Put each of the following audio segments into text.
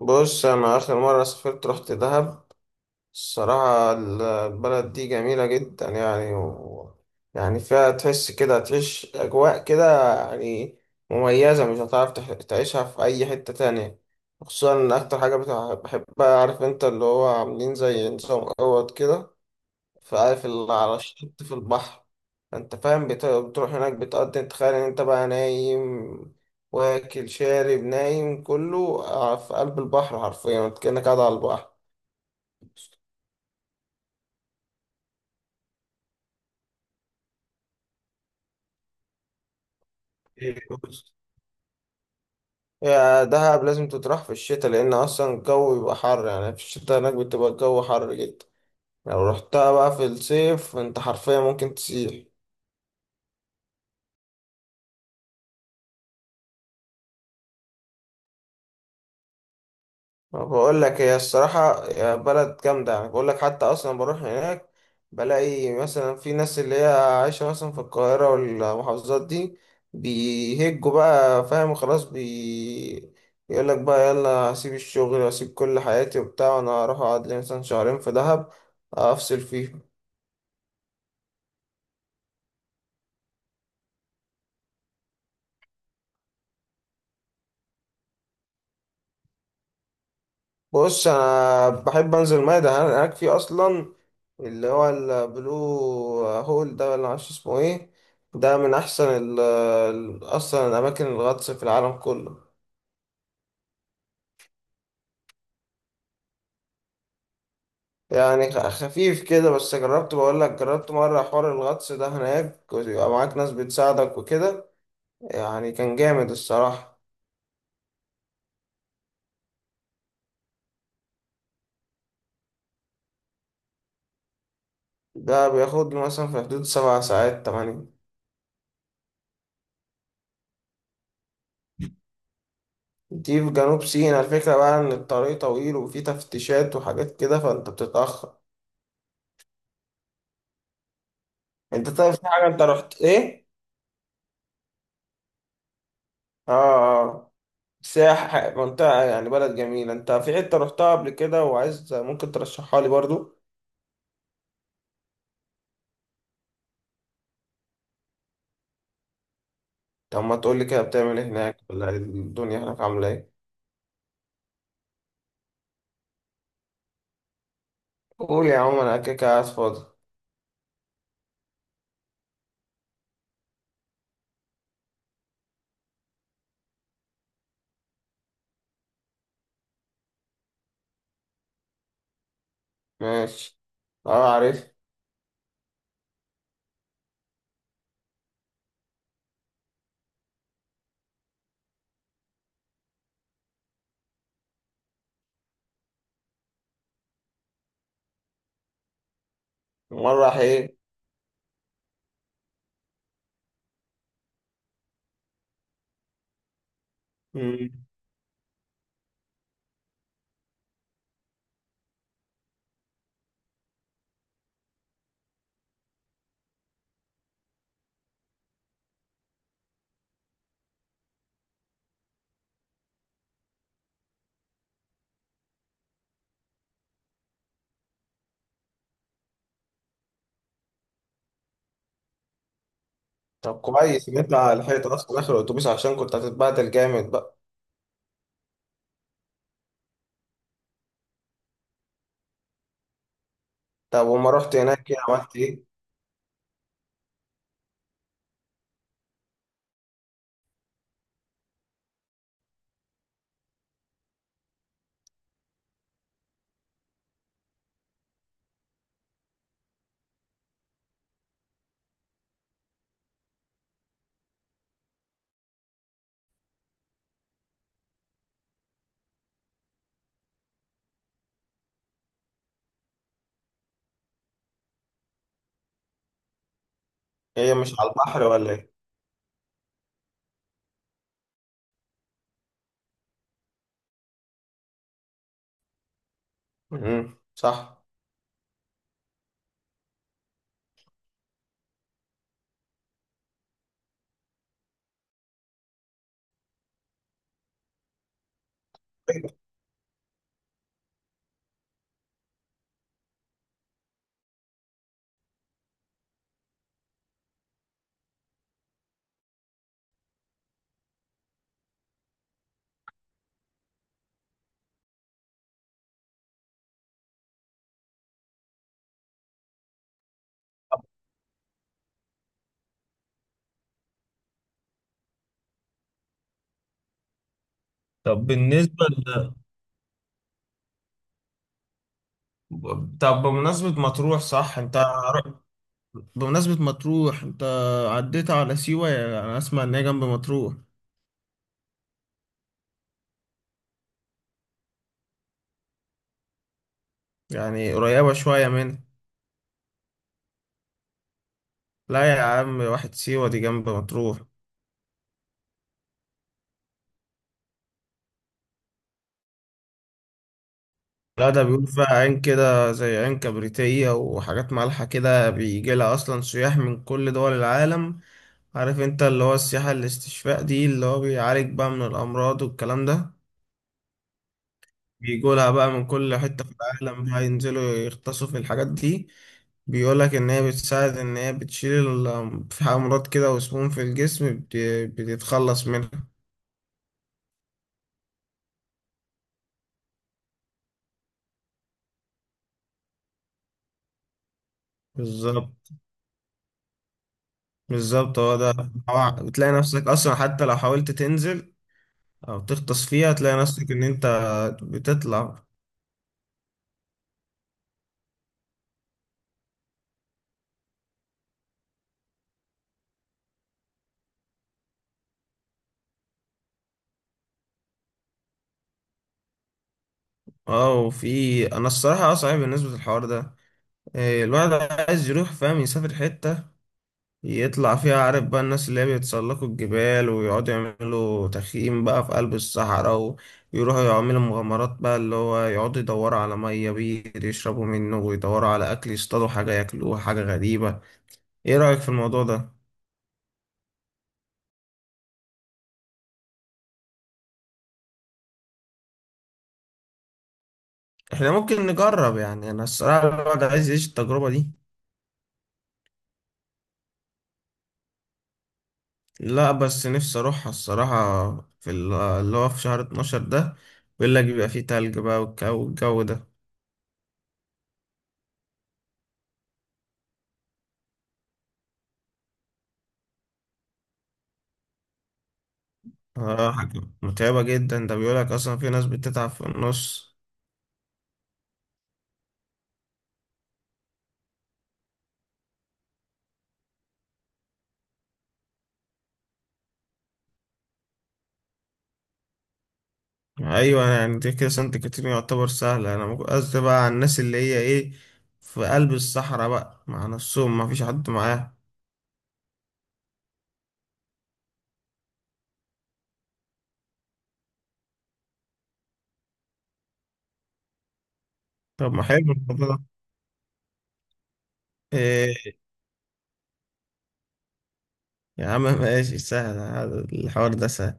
بص، انا اخر مره سافرت، رحت دهب. الصراحه، البلد دي جميله جدا يعني يعني فيها تحس كده، تعيش اجواء كده يعني مميزه. مش هتعرف تعيشها في اي حته تانية. خصوصا إن اكتر حاجه بحبها، عارف انت اللي هو عاملين زي نظام اوض كده، فعارف اللي على الشط في البحر. انت فاهم بتروح هناك بتقضي، تخيل ان انت بقى نايم واكل شارب نايم كله، في قلب البحر حرفيا، انت كأنك قاعد على البحر. يا دهب لازم تتراح في الشتاء، لأن أصلا الجو بيبقى حر يعني. في الشتاء هناك بتبقى الجو حر جدا. لو رحتها بقى في الصيف، أنت حرفيا ممكن تسيح. بقول لك هي الصراحة، يا بلد جامدة يعني. بقول لك حتى أصلا بروح هناك بلاقي مثلا في ناس اللي هي عايشة مثلا في القاهرة والمحافظات دي، بيهجوا بقى، فاهم، خلاص يقول لك بقى، يلا أسيب الشغل وأسيب كل حياتي وبتاع، وأنا هروح أقعد لي مثلا شهرين في دهب، أفصل فيه. بص، انا بحب انزل ماء. ده هناك في اصلا اللي هو البلو هول ده، ولا معرفش اسمه ايه. ده من احسن اصلا الاماكن الغطس في العالم كله. يعني خفيف كده، بس جربت. بقول لك جربت مره حوار الغطس ده هناك، ويبقى معاك ناس بتساعدك وكده. يعني كان جامد الصراحه. ده بياخد له مثلا في حدود 7 ساعات 8. دي في جنوب سيناء. الفكرة بقى إن الطريق طويل وفيه تفتيشات وحاجات كده، فأنت بتتأخر. انت طيب، في حاجة انت رحت ايه؟ اه، اه. سياحة منطقة يعني، بلد جميلة انت في حتة رحتها قبل كده وعايز ممكن ترشحها لي برضو. طب ما تقول لي كده، بتعمل ايه هناك، ولا ايه الدنيا هناك عاملة ايه؟ قول يا عم، انا كده كده قاعد فاضي. ماشي. اه عارف. مرة راح ايه؟ مم. طب كويس ان انت لحقت اصلا اخر الاتوبيس، عشان كنت هتتبهدل جامد بقى. طب وما رحت هناك، ايه عملت ايه؟ هي مش على البحر ولا ايه؟ مم. صح. طب بالنسبة ل... طب بمناسبة مطروح، صح انت، بمناسبة مطروح انت عديت على سيوة، يعني انا اسمع ان هي جنب مطروح. يعني قريبة شوية منها. لا يا عم واحد، سيوة دي جنب مطروح. لا، ده بيقول فيها عين كده زي عين كبريتية وحاجات مالحة كده. بيجي لها اصلا سياح من كل دول العالم. عارف انت اللي هو السياحة الاستشفاء دي، اللي هو بيعالج بقى من الامراض والكلام ده. بيجولها بقى من كل حتة في العالم بقى ينزلوا يغطسوا في الحاجات دي. بيقولك إن هي بتساعد، إن هي بتشيل في أمراض كده وسموم في الجسم بتتخلص منها. بالظبط. بالظبط هو ده، هو بتلاقي نفسك أصلا حتى لو حاولت تنزل أو تغطس فيها تلاقي نفسك إن أنت بتطلع. اه، وفي انا الصراحه اه صعب بالنسبه للحوار ده. إيه، الواحد عايز يروح، فاهم، يسافر حته يطلع فيها، عارف بقى، الناس اللي هي بيتسلقوا الجبال ويقعدوا يعملوا تخييم بقى في قلب الصحراء، ويروحوا يعملوا مغامرات بقى، اللي هو يقعدوا يدوروا على مية بير يشربوا منه، ويدوروا على أكل يصطادوا حاجة ياكلوها، حاجة غريبة. إيه رأيك في الموضوع ده؟ إحنا ممكن نجرب يعني، أنا الصراحة الواحد عايز يعيش التجربة دي. لا، بس نفسي أروحها الصراحة. في اللي هو في شهر 12 ده، بيقول لك بيبقى فيه تلج بقى، والجو ده. اه، متعبة جدا. ده بيقولك أصلا في ناس بتتعب في النص. أيوة، أنا يعني دي كده سانت كاترين يعتبر سهلة. أنا ممكن قصدي بقى على الناس اللي هي إيه في قلب الصحراء بقى مع نفسهم، مفيش حد معاهم. طب ما حلو الموضوع ده. إيه، يا عم ماشي، سهل، هذا الحوار ده سهل.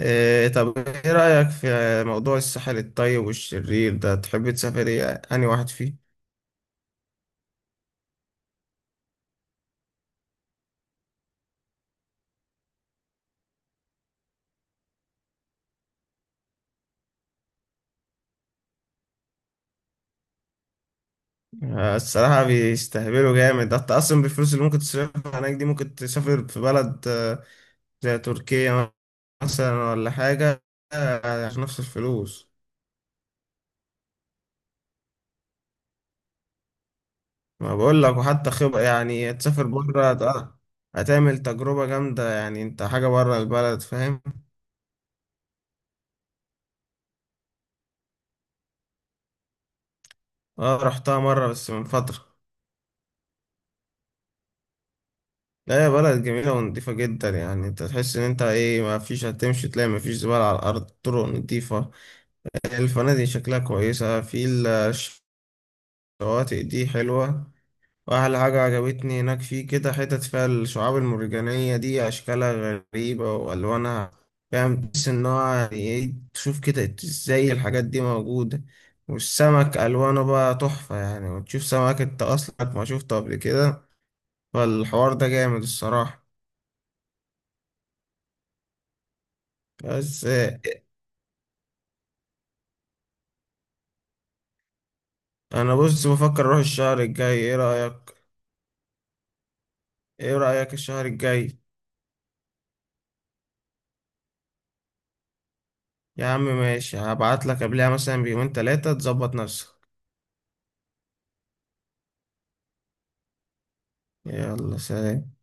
إيه، طب إيه رأيك في موضوع الساحل الطيب والشرير ده، تحب تسافر إيه، أنهي واحد فيه؟ آه، الصراحة بيستهبلوا جامد. ده أنت أصلا بالفلوس اللي ممكن تصرفها هناك دي، ممكن تسافر في بلد آه، زي تركيا مثلا، ولا حاجة آه، عشان نفس الفلوس. ما بقول لك، وحتى خبرة يعني تسافر بره هتعمل تجربة جامدة يعني، انت حاجة بره البلد، فاهم. اه، رحتها مرة بس من فترة. لا، هي بلد جميلة ونضيفة جدا يعني. انت تحس ان انت ايه، ما فيش، هتمشي تلاقي ما فيش زبالة على الارض، طرق نضيفة، الفنادق شكلها كويسة، في الشواطئ دي حلوة. واحلى حاجة عجبتني هناك، فيه كده حتت فيها الشعاب المرجانية دي، أشكالها غريبة وألوانها، فاهم، تحس إن هو يعني إيه، تشوف كده إزاي الحاجات دي موجودة. والسمك ألوانه بقى تحفة يعني، وتشوف سمك أنت أصلا ما شفته قبل كده. فالحوار ده جامد الصراحة. بس آه، أنا بص بفكر أروح الشهر الجاي، إيه رأيك؟ إيه رأيك الشهر الجاي؟ يا عم ماشي، هبعتلك قبلها مثلا بيومين 3 تظبط نفسك. يلا سلام.